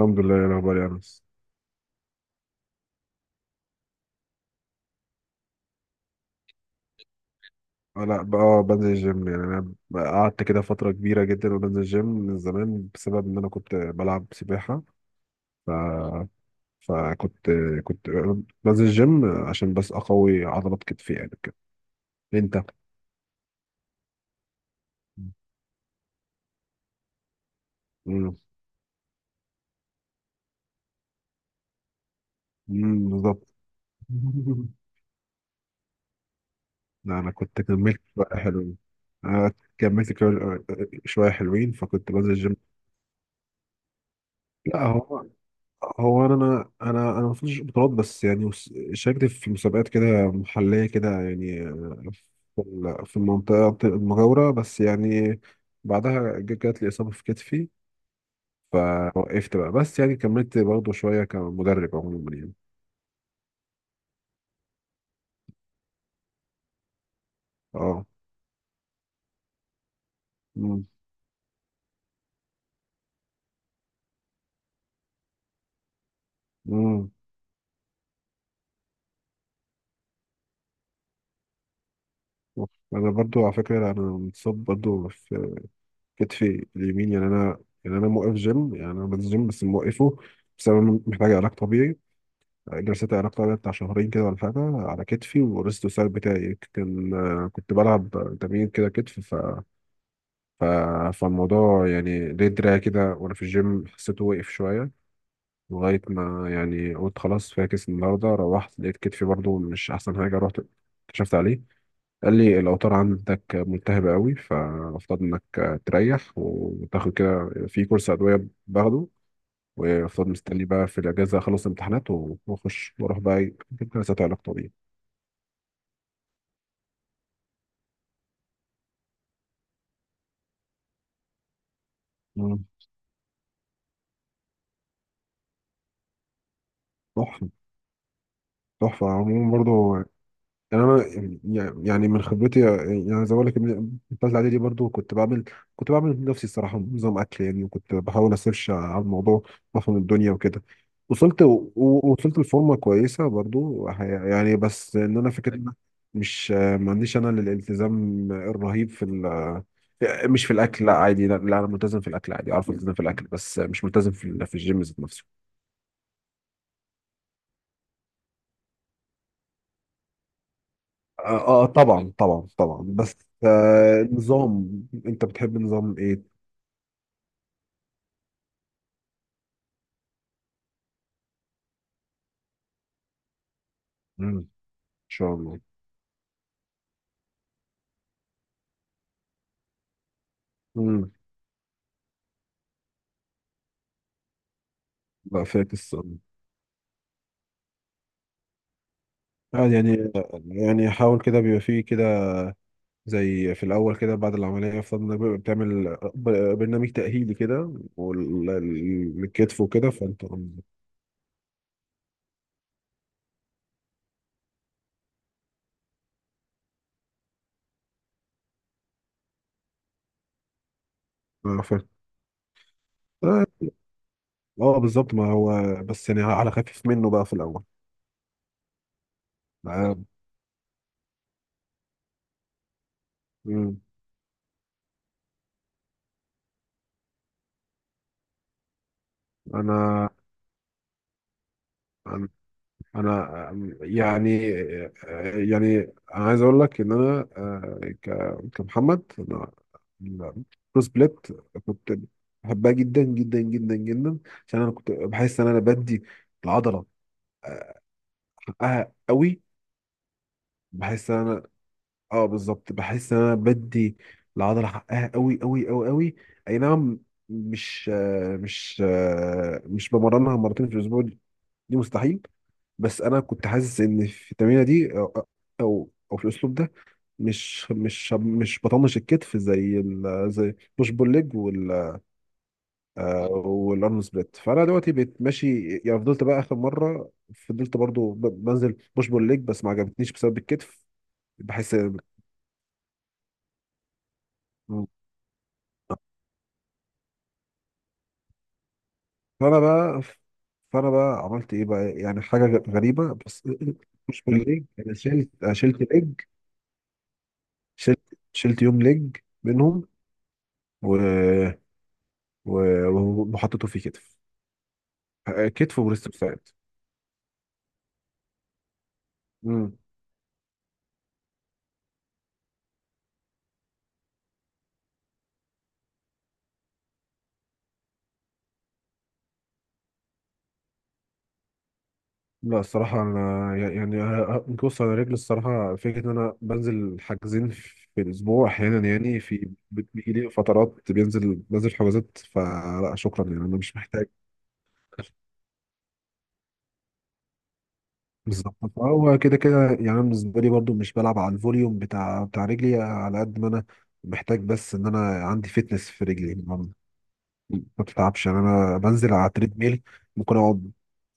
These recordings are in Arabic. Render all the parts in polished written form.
الحمد لله يا الاخبار يا انس. لا بقى، بنزل الجيم يعني انا بقى قعدت كده فتره كبيره جدا وبنزل الجيم من زمان بسبب ان انا كنت بلعب سباحه. ف فكنت كنت بنزل الجيم عشان بس اقوي عضلات كتفي يعني كده. انت مم. مم، بالظبط. لا انا كنت كملت بقى حلوين. أنا كملت كده شويه حلوين فكنت بنزل الجيم. لا هو انا ما وصلتش بطولات، بس يعني شاركت في مسابقات كده محليه كده يعني، في المنطقه المجاوره بس يعني. بعدها جات لي اصابه في كتفي فوقفت بقى، بس يعني كملت برضه شويه كمدرب عموما يعني. اه. امم امم انا برضو على فكره انا متصاب برضو في كتفي اليمين، يعني انا يعني انا موقف جيم، يعني انا بنزل جيم بس موقفه بسبب إن محتاج علاج طبيعي، جلسات علاقة بتاع شهرين كده ولا حاجة على كتفي. ورست السايد بتاعي كان كنت بلعب تمرين كده كتف، ف... فالموضوع يعني ليه دراع كده وأنا في الجيم حسيته وقف شوية لغاية ما يعني قلت خلاص فاكس النهاردة. روحت لقيت كتفي برضو مش أحسن حاجة، رحت كشفت عليه قال لي الأوتار عندك ملتهبة قوي، فالمفروض إنك تريح وتاخد كده في كورس أدوية باخده. وفضل مستني بقى في الاجازه اخلص امتحانات واخش واروح بقى جلسات علاج طبيعي. مم. تحفة. تحفة عموما برضو، يعني أنا يعني يعني من خبرتي، يعني زي ما بقول لك من الثالثة إعدادي برضو كنت بعمل لنفسي الصراحة نظام أكل يعني، وكنت بحاول أسيرش على الموضوع وأفهم الدنيا وكده. وصلت و- وصلت لفورمة كويسة برضو يعني، بس إن أنا فكرة إن أنا مش، ما عنديش أنا الالتزام الرهيب في ال، مش في الأكل لا عادي، لا، لا أنا ملتزم في الأكل عادي، أعرف ألتزم في الأكل، بس مش ملتزم في الجيم ذات نفسه. اه، طبعا طبعا طبعا بس، نظام انت بتحب نظام ايه؟ مم. ان شاء الله. مم. لا فاكس الصلاة. يعني، يعني حاول كده بيبقى فيه كده زي في الاول كده، بعد العمليه يفترض انك بيبقى بتعمل برنامج تاهيلي كده والكتف وكده فانت. اه، فاهم. آه، بالظبط، ما هو بس يعني على خفيف منه بقى في الاول. آه، مم. انا أنا انا يعني، يعني انا عايز اقول لك ان انا، كمحمد انا البروس بليت كنت بحبها جدا جدا جدا جدا، عشان انا كنت بحس ان انا بدي العضله حقها قوي. بحس ان انا، اه بالظبط، بحس ان انا بدي العضله حقها قوي قوي قوي قوي. اي نعم، مش بمرنها مرتين في الاسبوع دي، مستحيل. بس انا كنت حاسس ان في التمرينه دي او، او في الاسلوب ده مش بطنش الكتف، زي ال زي بوش بول ليج وال، والارم سبليت. فانا دلوقتي بقيت ماشي يعني. فضلت بقى اخر مره فضلت برضو بنزل بوش بول ليج بس ما عجبتنيش بسبب الكتف. بحس، فانا بقى فانا بقى عملت ايه بقى يعني حاجه غريبه بس. مش بالليج، انا شلت أنا شلت ليج، شلت، شلت يوم ليج منهم، وحطيته في كتف. كتف وبريست فلات. امم لا الصراحة أنا يعني، بص أنا رجلي الصراحة فكرة إن أنا بنزل حاجزين في الأسبوع أحيانا يعني. في بيجي لي فترات بنزل حجازات، فلا شكرا يعني، أنا مش محتاج. بالظبط. فهو كده كده يعني أنا بالنسبة لي برضو مش بلعب على الفوليوم بتاع رجلي على قد ما أنا محتاج، بس إن أنا عندي فتنس في رجلي ما بتتعبش. يعني انا بنزل على تريد ميل ممكن اقعد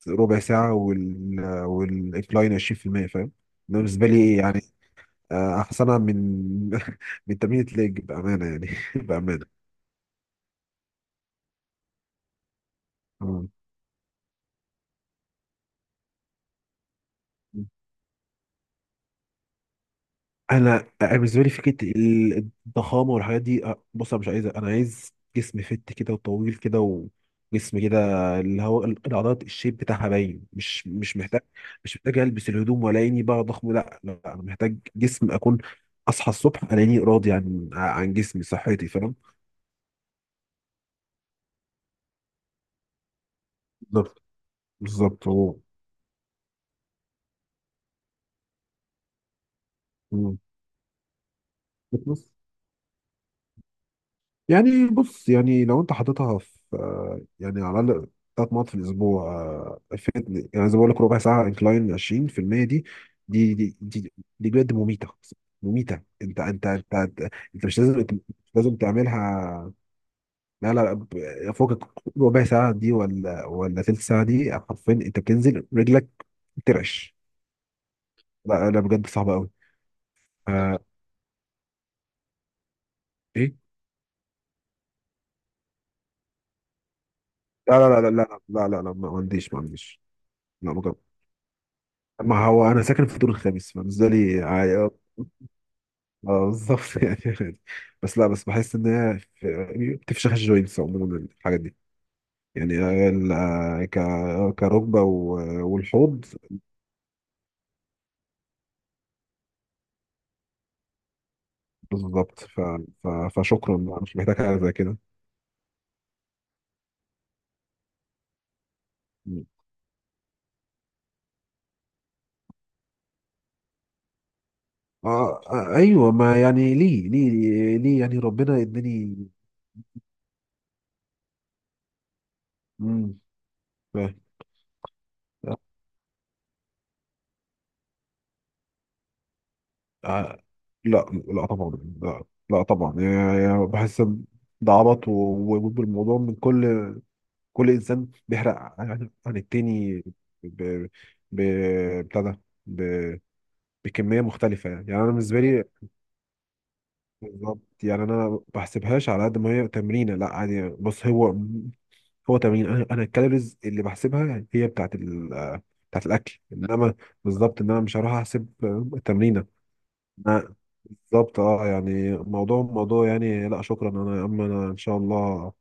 ربع ساعه وال والانكلاين 20%، فاهم؟ ده بالنسبه لي يعني، احسنها من من تمرين الليج بامانه يعني. بامانه. آه. انا بالنسبه لي فكره الضخامه والحاجات دي، بص انا مش عايز، انا عايز جسم فت كده وطويل كده وجسم كده، اللي هو العضلات الشيب بتاعها باين، مش مش محتاج. مش محتاج البس الهدوم ولا اني بقى ضخم. لا لا، انا محتاج جسم اكون اصحى الصبح الاقيني راضي عن جسمي، صحتي، فاهم؟ بالظبط بالظبط، هو مم، يعني بص يعني لو انت حاططها في، يعني على الاقل ثلاث مرات في الاسبوع، يعني زي ما بقول لك ربع ساعه انكلاين 20% دي، دي دي دي, دي بجد مميته، مميته انت انت انت انت, انت مش لازم، انت مش لازم تعملها. لا لا، فوق ربع ساعه دي، ولا ثلث ساعه دي، حرفيا انت بتنزل رجلك ترعش. لا لا بجد، صعبه قوي. طب ايه. لا لا لا لا لا لا لا, لا، ما عنديش، لا، ما ما هو انا ساكن في الدور الخامس فبالنسبه لي عادي. اه، بالظبط. يعني عادي. بس لا، بس بحس ان هي بتفشخ الجوينتس عموما الحاجات دي، يعني ال- آه، ك كركبه والحوض. بالظبط، فشكرا بقى، مش محتاج حاجه زي كده. ايوه ما يعني ليه ليه ليه، يعني ربنا اداني. مم، فاهم. آه آه، لا لا طبعا، لا لا طبعا، يعني بحس إن ده عبط، والموضوع من كل، كل انسان بيحرق عن, التاني ب... ب... بتاع ده بكميه مختلفه يعني انا بالنسبه لي، بالظبط، يعني انا ما بحسبهاش على قد ما هي تمرينه، لا عادي. بص هو تمرين، انا الكالوريز اللي بحسبها هي بتاعت بتاعت الاكل، انما بالظبط، ان انا مش هروح احسب التمرينه. أنا- بالظبط اه، يعني موضوع يعني، لا شكرا انا يا عم، انا ان شاء الله،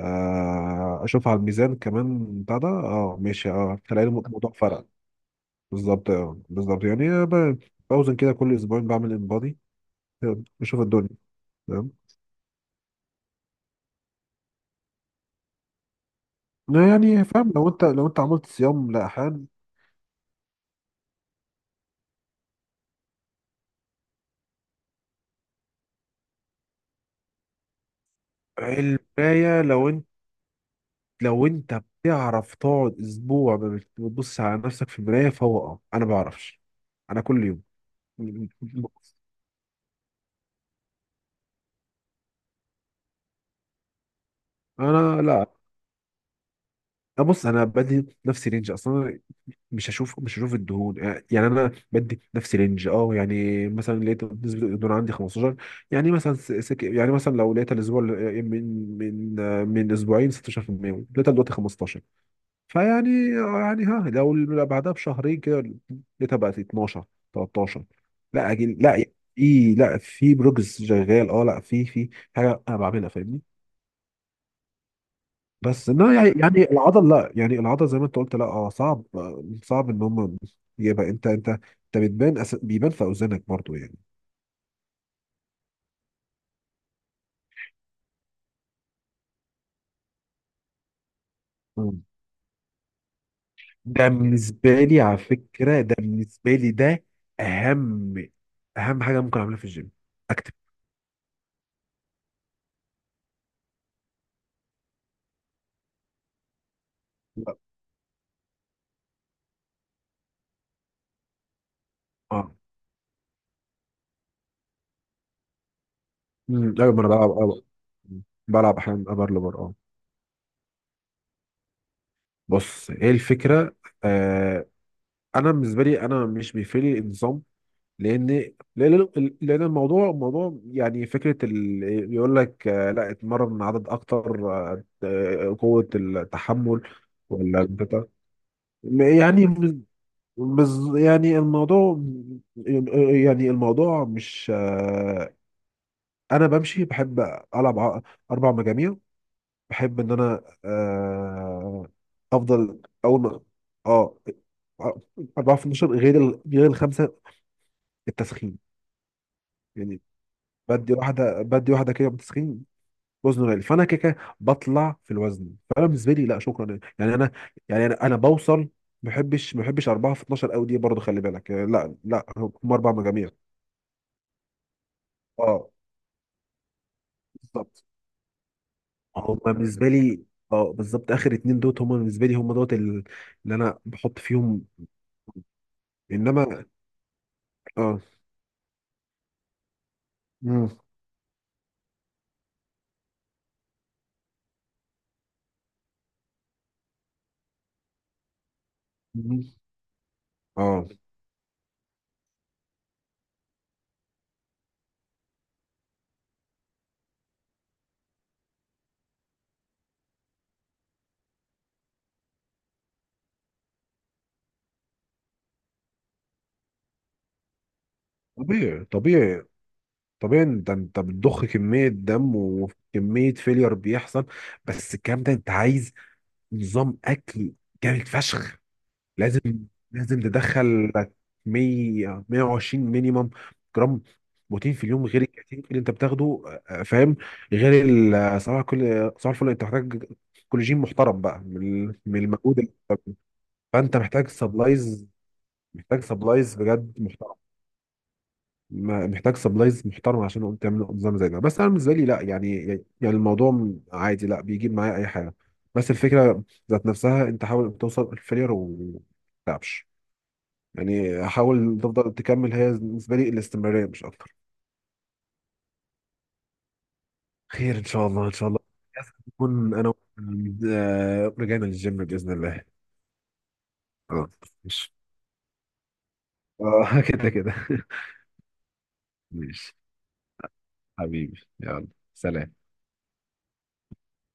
اشوف على الميزان كمان بتاع ده. اه ماشي، اه تلاقي الموضوع فرق. بالظبط، اه بالظبط يعني، باوزن كده كل اسبوعين بعمل انبادي بشوف الدنيا. تمام. لا، يعني فاهم، لو انت عملت صيام لأحيان. الباية، لو انت بتعرف تقعد اسبوع ما بت- بتبص على نفسك في المراية فهو اه انا بعرفش. انا كل يوم. انا لا، بص انا بدي نفسي رينج اصلا، مش هشوف الدهون، يعني انا بدي نفس رينج اه. يعني مثلا لقيت نسبه الدهون عندي 15، يعني مثلا يعني مثلا لو لقيت الاسبوع من اسبوعين 16% لقيتها دلوقتي 15، فيعني، يعني ها لو بعدها بشهرين كده لقيتها بقت 12، 13. لا أجل لا، في، لا في بروجرس شغال. اه لا، في حاجه انا بعملها، فاهمني؟ بس ما يعني، العضل لا، يعني العضل زي ما انت قلت، لا اه صعب، صعب ان هم يبقى انت، بتبان بيبان في اوزانك برضو يعني. مم. ده بالنسبه لي على فكره، ده بالنسبه لي ده اهم، اهم حاجه ممكن اعملها في الجيم، اكتب. اه. ايوه ما انا بلعب. آه. بلعب احيانا ابر لبر اه. بص ايه الفكره. آه انا بالنسبه لي انا مش بيفرق لي النظام، لان لان الموضوع موضوع يعني. فكره يقول لك، لا اتمرن عدد اكتر، قوه التحمل ولا بتاع، يعني يعني الموضوع، يعني الموضوع مش، انا بمشي، بحب العب اربع مجاميع. بحب ان انا، افضل اول ما، اه، 14، غير الخمسه التسخين يعني. بدي واحده، بدي واحده كده بتسخين وزنه غالي، فانا كده كده بطلع في الوزن. فانا بالنسبه لي لا شكرا يعني انا، يعني انا بوصل. ما بحبش، 4 في 12 قوي دي برضه، خلي بالك يعني، لا لا. هم اربع مجاميع، اه بالظبط. هم بالنسبه لي، اه بالظبط، اخر اتنين دوت هم بالنسبه لي، هم دوت اللي انا بحط فيهم. انما، اه. مم. مم. اه طبيعي طبيعي، طبيعي. ده انت بتضخ كميه دم وكميه فيلير بيحصل، بس الكلام ده انت عايز نظام اكل جامد فشخ. لازم لازم تدخل لك 100، 120 مينيمم جرام بروتين في اليوم، غير الكاتين اللي انت بتاخده. فاهم؟ غير صباح، كل صباح الفل انت محتاج كولاجين محترم بقى من من المجهود فانت محتاج سبلايز. بجد محترم. محتاج سبلايز محترم عشان اقوم تعمل نظام زي ده. بس انا بالنسبه لي لا يعني، يعني الموضوع عادي لا بيجيب معايا اي حاجه. بس الفكره ذات نفسها، انت حاول توصل الفيلير وما تتعبش، يعني حاول تفضل تكمل. هي بالنسبه لي الاستمراريه مش اكتر. خير ان شاء الله، ان شاء الله نكون انا رجعنا للجيم باذن الله. اه ماشي. اه كده كده. ماشي، حبيبي يلا، سلام.